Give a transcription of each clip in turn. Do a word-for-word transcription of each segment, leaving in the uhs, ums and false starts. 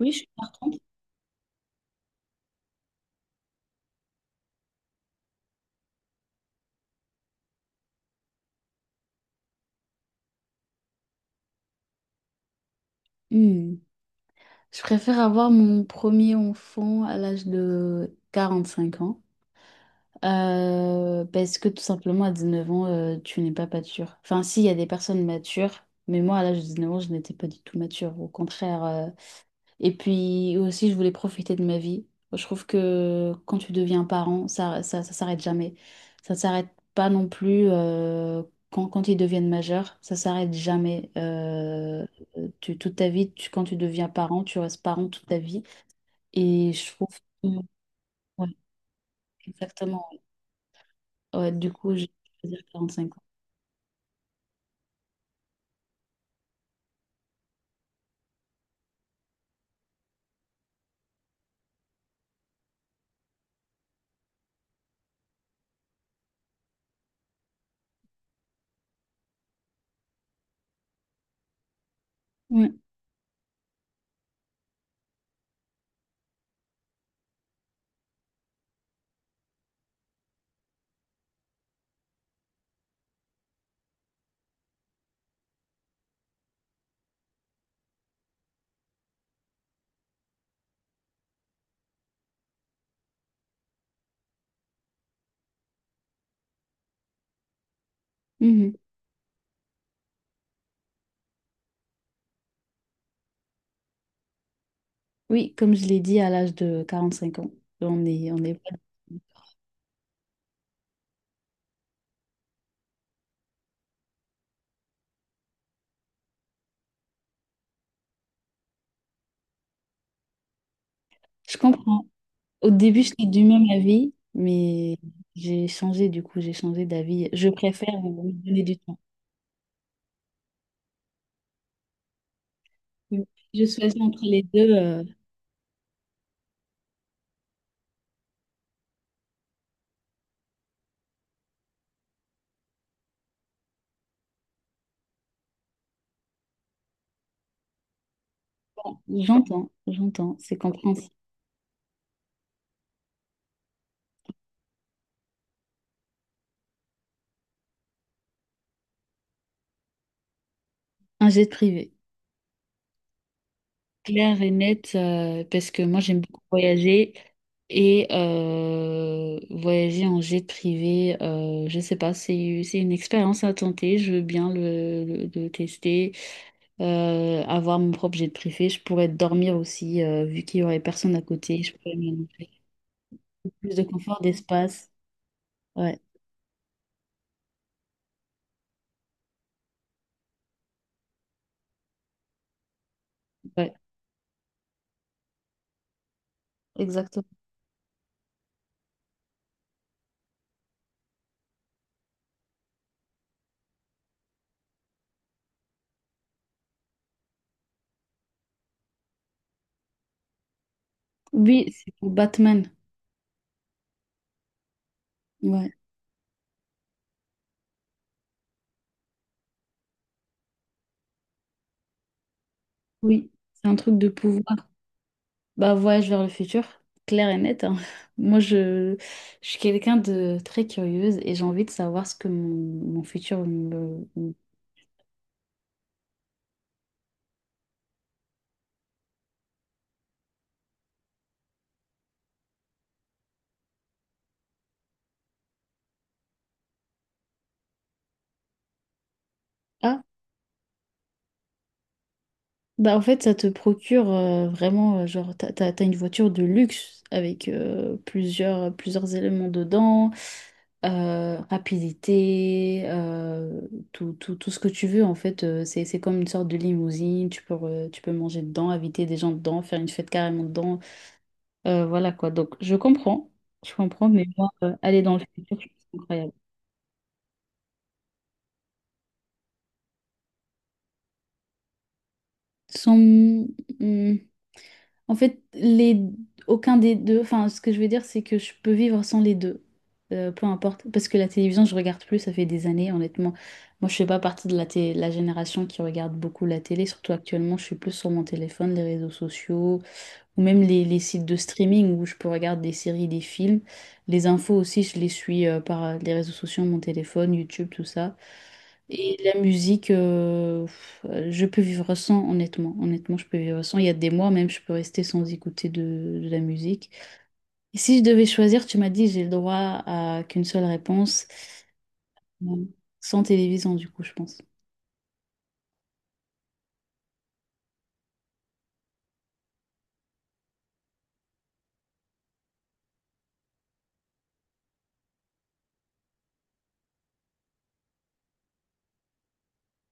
Oui, je... Hmm. Je préfère avoir mon premier enfant à l'âge de quarante-cinq ans, euh, parce que tout simplement, à dix-neuf ans, euh, tu n'es pas mature. Enfin, si, il y a des personnes matures, mais moi, à l'âge de dix-neuf ans, je n'étais pas du tout mature. Au contraire, euh, et puis aussi, je voulais profiter de ma vie. Je trouve que quand tu deviens parent, ça, ça, ça s'arrête jamais. Ça ne s'arrête pas non plus euh, quand, quand ils deviennent majeurs. Ça s'arrête jamais. Euh, tu, toute ta vie, tu- quand tu deviens parent, tu restes parent toute ta vie. Et je trouve que- ouais, exactement. Ouais, du coup, je vais dire quarante-cinq ans. Ouais. Mhm. Oui, comme je l'ai dit, à l'âge de quarante-cinq ans, on est, on est... Je comprends. Au début, j'étais du même avis, mais j'ai changé, du coup, j'ai changé d'avis. Je préfère euh, me donner du temps. Mm. Je choisis entre les deux. Euh, bon, j'entends, j'entends, c'est compréhensible. Un jet privé. Claire et nette, euh, parce que moi j'aime beaucoup voyager et, euh, voyager en jet privé, euh, je sais pas, c'est c'est une expérience à tenter, je veux bien le, le- le tester, euh, avoir mon propre jet privé, je pourrais dormir aussi, euh, vu qu'il y aurait personne à côté, je pourrais m'allonger. Plus de confort d'espace. Ouais, ouais, exactement. Oui, c'est pour Batman. Ouais, oui, c'est un truc de pouvoir. Bah, voyage vers le futur, clair et net, hein. Moi, je, je suis quelqu'un de très curieuse et j'ai envie de savoir ce que mon, mon futur me... me- Ah, bah en fait, ça te procure, euh, vraiment, euh, genre, t'as, t'as- t'as une voiture de luxe avec, euh, plusieurs, plusieurs éléments dedans, euh, rapidité, euh, tout, tout, tout ce que tu veux, en fait, euh, c'est, c'est comme une sorte de limousine, tu peux, re- tu peux manger dedans, inviter des gens dedans, faire une fête carrément dedans. Euh, voilà quoi. Donc, je comprends. Je comprends, mais moi, euh, aller dans le futur, je trouve ça incroyable. Sans- hmm, en fait, les... aucun des deux. Enfin, ce que je veux dire, c'est que je peux vivre sans les deux. Euh, peu importe. Parce que la télévision, je regarde plus, ça fait des années, honnêtement. Moi, je fais pas partie de la, té- la génération qui regarde beaucoup la télé, surtout actuellement. Je suis plus sur mon téléphone, les réseaux sociaux, ou même les, les sites de streaming où je peux regarder des séries, des films. Les infos aussi, je les suis, euh, par euh, les réseaux sociaux, mon téléphone, YouTube, tout ça. Et la musique, euh, pff, euh, je peux vivre sans, honnêtement. Honnêtement, je peux vivre sans. Il y a des mois même, je peux rester sans écouter de, de la musique. Et si je devais choisir, tu m'as dit, j'ai le droit à qu'une seule réponse. Bon, sans télévision, du coup, je pense.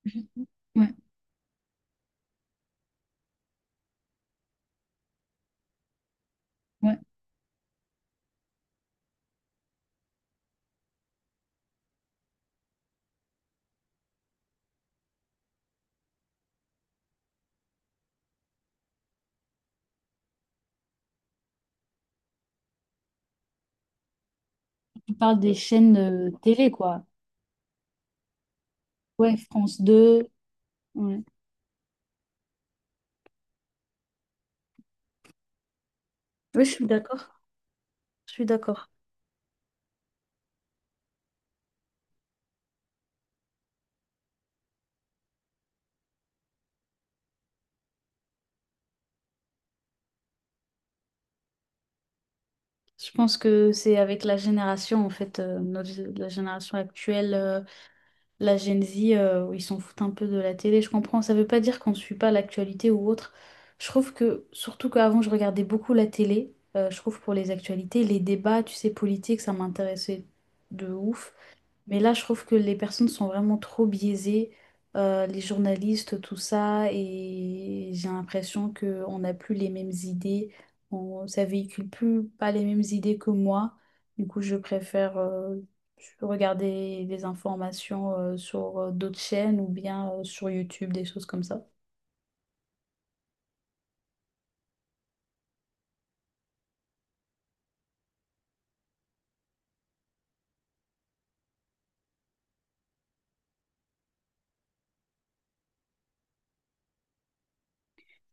Mhm. Ouais, ouais. Tu parles des chaînes, euh, télé, quoi. Ouais, France deux. Ouais. Je pense que c'est avec la génération, en fait, euh, notre, la génération actuelle, euh, la Gen Z, euh, où ils s'en foutent un peu de la télé, je comprends. Ça veut pas dire qu'on ne suit pas l'actualité ou autre. Je trouve que, surtout qu'avant, je regardais beaucoup la télé, euh, je trouve pour les actualités, les débats, tu sais, politiques, ça m'intéressait de ouf. Mais là, je trouve que les personnes sont vraiment trop biaisées, euh, les journalistes, tout ça, et j'ai l'impression qu'on n'a plus les mêmes idées, on, ça véhicule plus pas les mêmes idées que moi. Du coup, je préfère euh, regarder des informations, euh, sur euh, d'autres chaînes ou bien euh, sur YouTube, des choses comme ça.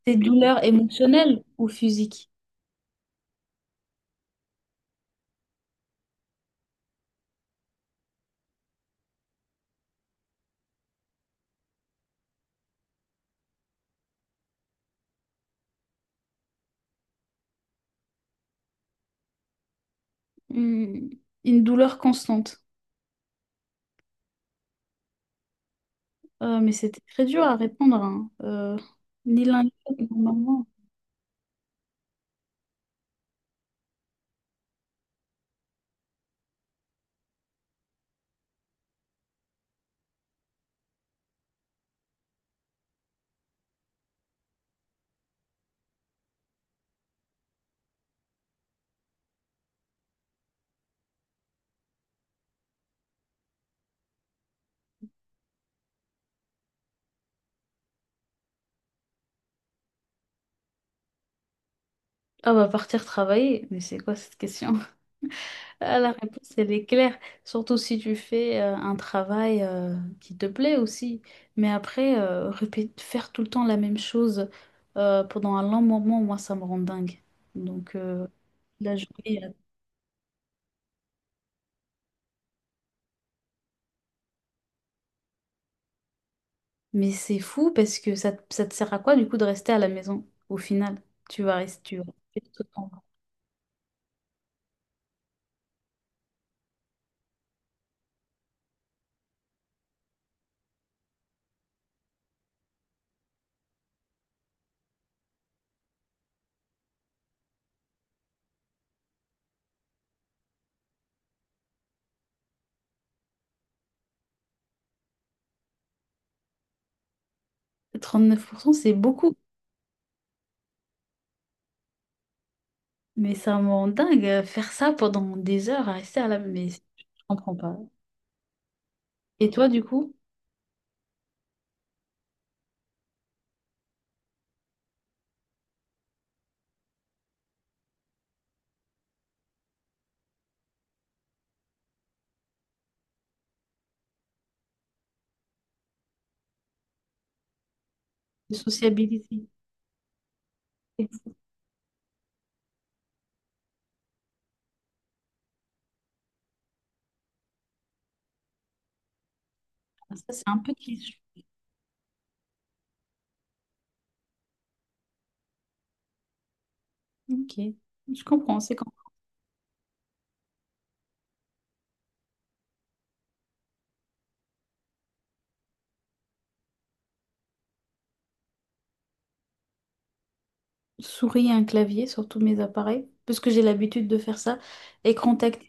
Des douleurs émotionnelles ou physiques? Hmm, une douleur constante. Euh, mais c'était très dur à répondre, hein. Euh, ni l'un ni l'autre, normalement. Ah bah partir travailler, mais c'est quoi cette question? Ah, la réponse, elle est claire, surtout si tu fais, euh, un travail, euh, qui te plaît aussi. Mais après, euh, répé- faire tout le temps la même chose, euh, pendant un long moment, moi, ça me rend dingue. Donc, euh, la journée, là. Mais c'est fou parce que ça, te- ça te sert à quoi du coup de rester à la maison au final? Tu vas rester, tu vas rester tout le temps. trente-neuf pour cent, c'est beaucoup, mais ça me rend dingue, euh, faire ça pendant des heures à rester à la maison. Mais je comprends pas. Et toi, du coup, de sociabilité. Et ça, c'est un peu cliché. Ok, je comprends. C'est quand je souris à un clavier, sur tous mes appareils, parce que j'ai l'habitude de faire ça, et contact.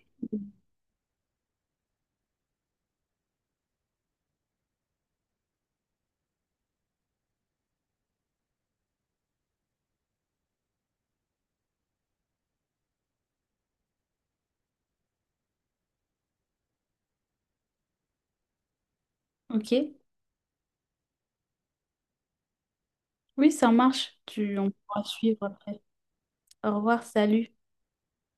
Ok, oui, ça marche. Tu, on pourra suivre après. Au revoir, salut.